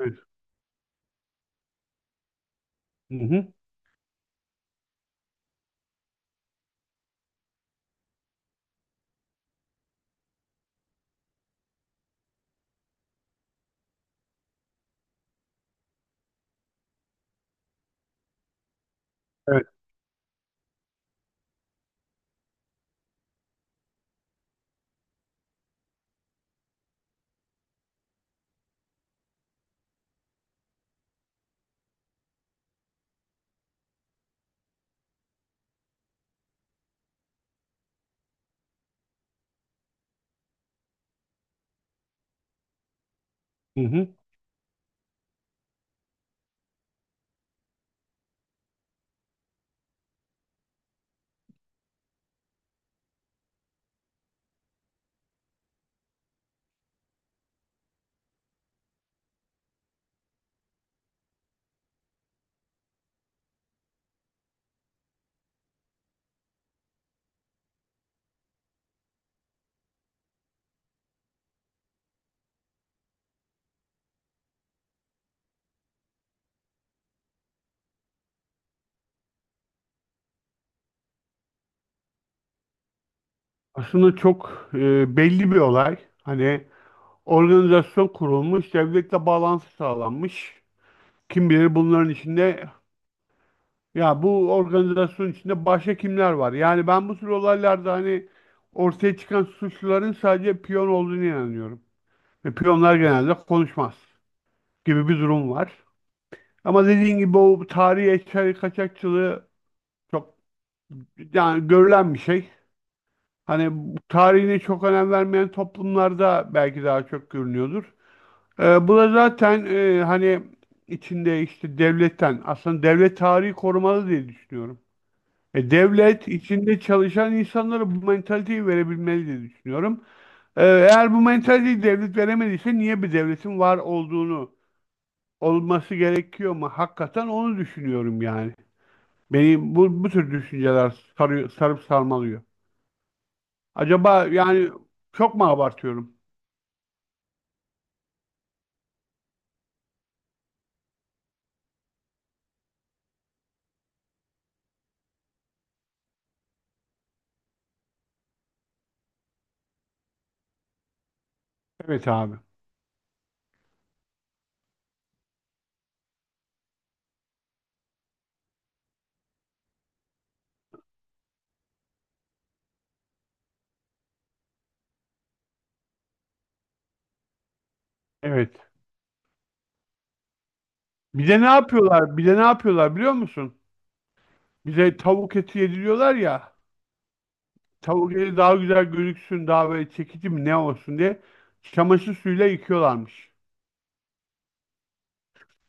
Evet. Hı hı. Evet. Hı hı. Aslında çok belli bir olay. Hani organizasyon kurulmuş, devletle bağlantı sağlanmış. Kim bilir bunların içinde ya bu organizasyon içinde başka kimler var? Yani ben bu tür olaylarda hani ortaya çıkan suçluların sadece piyon olduğunu inanıyorum. Ve piyonlar genelde konuşmaz gibi bir durum var. Ama dediğin gibi o tarihi eser kaçakçılığı çok yani görülen bir şey. Hani tarihine çok önem vermeyen toplumlarda belki daha çok görünüyordur. Bu da zaten hani içinde işte devletten aslında devlet tarihi korumalı diye düşünüyorum. Devlet içinde çalışan insanlara bu mentaliteyi verebilmeli diye düşünüyorum. Eğer bu mentaliteyi devlet veremediyse niye bir devletin var olduğunu olması gerekiyor mu? Hakikaten onu düşünüyorum yani. Beni bu tür düşünceler sarıyor, sarıp sarmalıyor. Acaba yani çok mu abartıyorum? Evet abi. Evet. Bir de ne yapıyorlar? Bir de ne yapıyorlar biliyor musun? Bize tavuk eti yediriyorlar ya. Tavuk eti daha güzel gözüksün, daha böyle çekici mi ne olsun diye çamaşır suyuyla yıkıyorlarmış.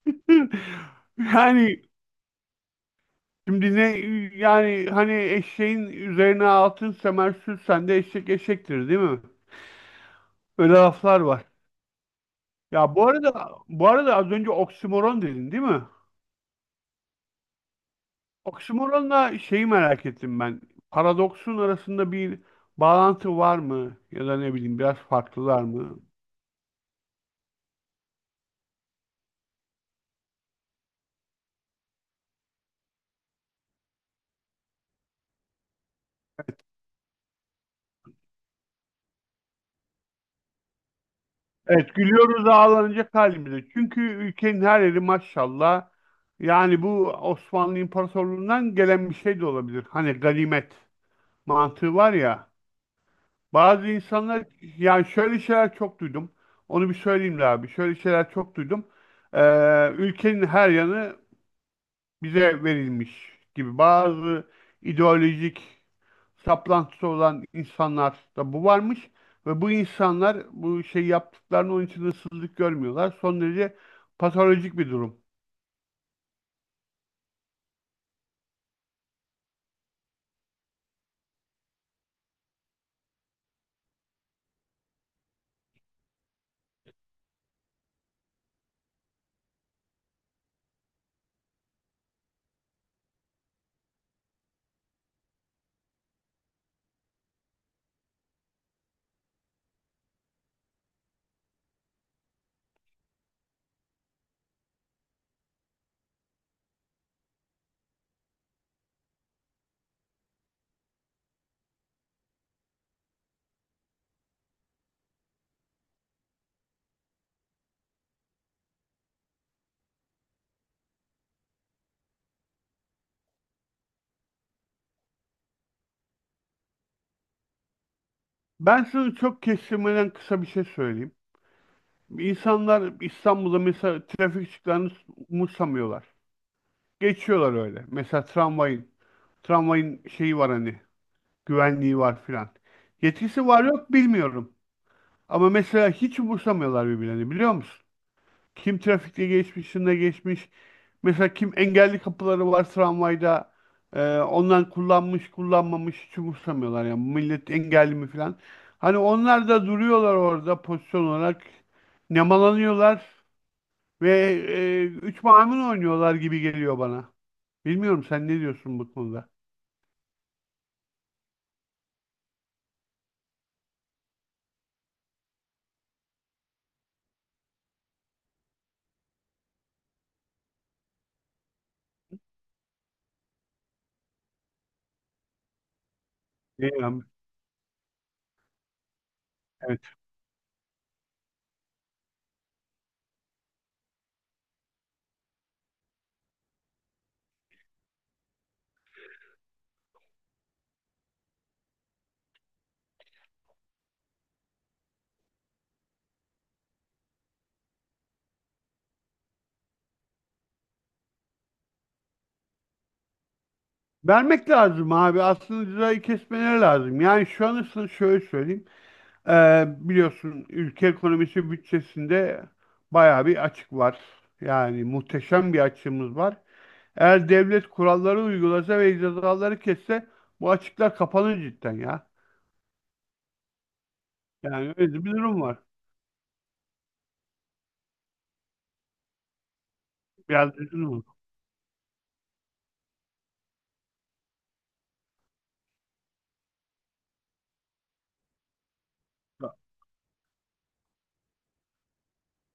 Yani şimdi ne yani hani eşeğin üzerine altın semer sürsen de eşek eşektir değil mi? Öyle laflar var. Ya bu arada az önce oksimoron dedin değil mi? Oksimoronla şeyi merak ettim ben. Paradoksun arasında bir bağlantı var mı? Ya da ne bileyim biraz farklılar mı? Evet gülüyoruz ağlanacak halimize. Çünkü ülkenin her yeri maşallah. Yani bu Osmanlı İmparatorluğu'ndan gelen bir şey de olabilir. Hani ganimet mantığı var ya. Bazı insanlar yani şöyle şeyler çok duydum. Onu bir söyleyeyim de abi. Şöyle şeyler çok duydum. Ülkenin her yanı bize verilmiş gibi bazı ideolojik saplantısı olan insanlarda bu varmış ve bu insanlar bu şey yaptıklarını onun için ıssızlık görmüyorlar. Son derece patolojik bir durum. Ben şunu çok kestirmeden kısa bir şey söyleyeyim. İnsanlar İstanbul'da mesela trafik ışıklarını umursamıyorlar. Geçiyorlar öyle. Mesela tramvayın şeyi var hani, güvenliği var filan. Yetkisi var yok bilmiyorum. Ama mesela hiç umursamıyorlar birbirlerini biliyor musun? Kim trafikte geçmiş, şunda geçmiş. Mesela kim engelli kapıları var tramvayda. Ondan kullanmış, kullanmamış hiç umursamıyorlar. Yani millet engelli mi falan. Hani onlar da duruyorlar orada pozisyon olarak. Nemalanıyorlar ve üç maymun oynuyorlar gibi geliyor bana. Bilmiyorum sen ne diyorsun bu konuda? Bilmiyorum. Evet. Vermek lazım abi. Aslında cezayı kesmeleri lazım. Yani şu an şöyle söyleyeyim. Biliyorsun ülke ekonomisi bütçesinde bayağı bir açık var. Yani muhteşem bir açığımız var. Eğer devlet kuralları uygulasa ve cezaları kesse bu açıklar kapanır cidden ya. Yani öyle bir durum var. Biraz üzgünüm.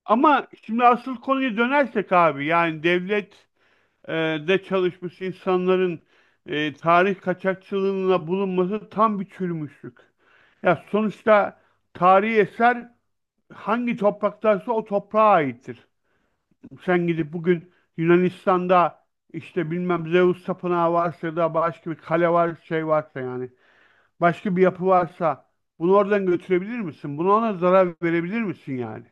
Ama şimdi asıl konuya dönersek abi yani devlet e, de çalışmış insanların tarih kaçakçılığına bulunması tam bir çürümüşlük. Ya sonuçta tarihi eser hangi topraktaysa o toprağa aittir. Sen gidip bugün Yunanistan'da işte bilmem Zeus tapınağı varsa ya da başka bir kale var şey varsa yani başka bir yapı varsa bunu oradan götürebilir misin? Buna ona zarar verebilir misin yani?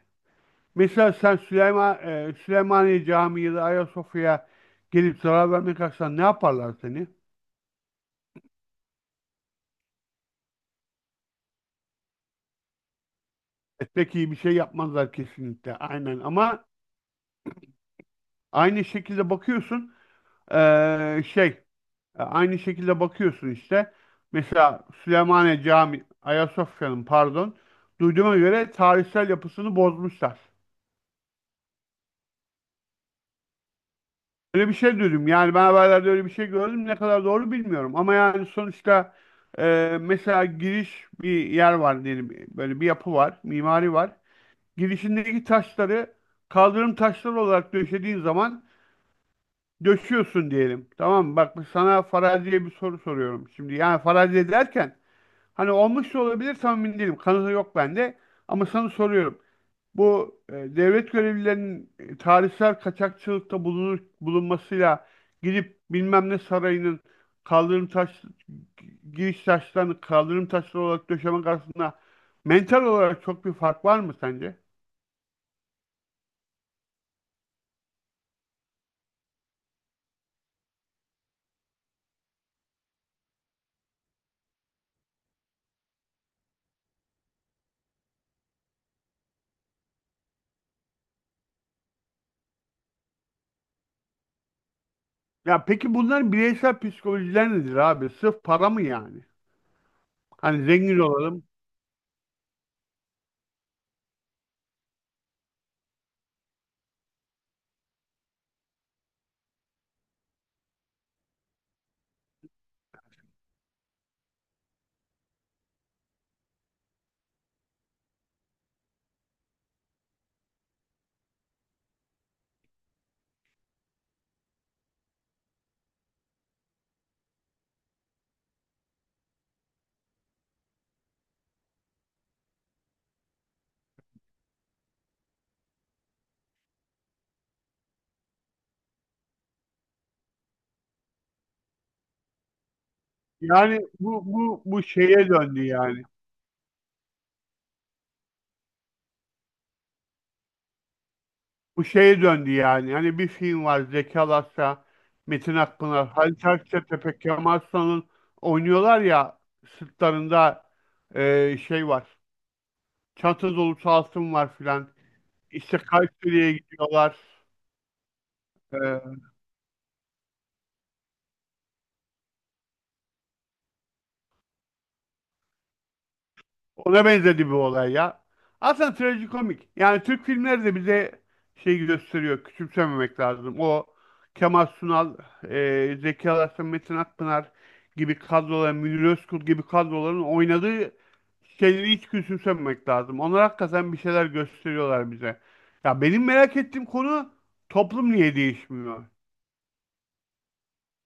Mesela sen Süleymaniye Camii ya da Ayasofya'ya gelip zarar vermek kalksan ne yaparlar seni? Pek iyi bir şey yapmazlar kesinlikle aynen ama aynı şekilde bakıyorsun e, şey E, Aynı şekilde bakıyorsun işte. Mesela Süleymaniye Cami Ayasofya'nın pardon, duyduğuma göre tarihsel yapısını bozmuşlar. Öyle bir şey duydum. Yani ben haberlerde öyle bir şey gördüm. Ne kadar doğru bilmiyorum. Ama yani sonuçta mesela giriş bir yer var diyelim. Böyle bir yapı var, mimari var. Girişindeki taşları kaldırım taşları olarak döşediğin zaman döşüyorsun diyelim. Tamam mı? Bak sana faraziye bir soru soruyorum şimdi. Yani faraziye derken hani olmuş da olabilir tam emin değilim. Kanıtı yok bende. Ama sana soruyorum. Bu devlet görevlilerinin tarihsel kaçakçılıkta bulunmasıyla gidip bilmem ne sarayının kaldırım taş giriş taşlarını kaldırım taşları olarak döşemek arasında mental olarak çok bir fark var mı sence? Ya peki bunların bireysel psikolojiler nedir abi? Sırf para mı yani? Hani zengin olalım. Yani bu şeye döndü yani. Bu şeye döndü yani. Hani bir film var Zeki Alasya, Metin Akpınar, Halit Akçatepe, Kemal Sunal'ın oynuyorlar ya sırtlarında şey var. Çanta dolu altın var filan. İşte Kayseri'ye gidiyorlar. E, Ona benzedi bir olay ya. Aslında trajikomik. Yani Türk filmleri de bize şey gösteriyor. Küçümsememek lazım. O Kemal Sunal, Zeki Alasya, Metin Akpınar gibi kadroların, Münir Özkul gibi kadroların oynadığı şeyleri hiç küçümsememek lazım. Onlar hakikaten bir şeyler gösteriyorlar bize. Ya benim merak ettiğim konu toplum niye değişmiyor?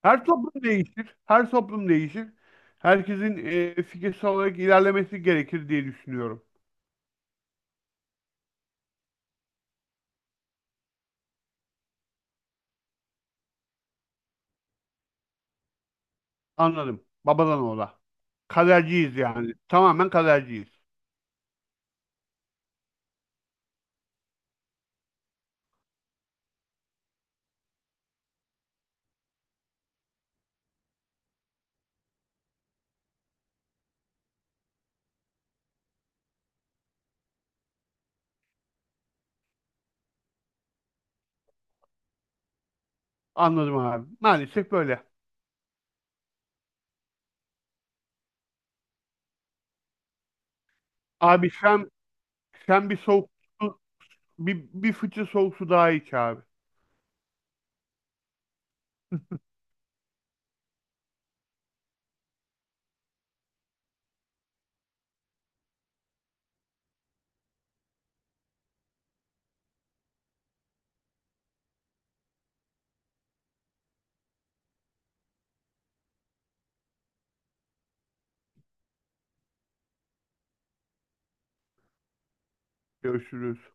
Her toplum değişir. Herkesin fikirsel olarak ilerlemesi gerekir diye düşünüyorum. Anladım. Babadan oğula. Kaderciyiz yani. Tamamen kaderciyiz. Anladım abi. Maalesef böyle. Abi sen bir soğuk su, bir fıçı soğuk su daha iç abi. Görüşürüz.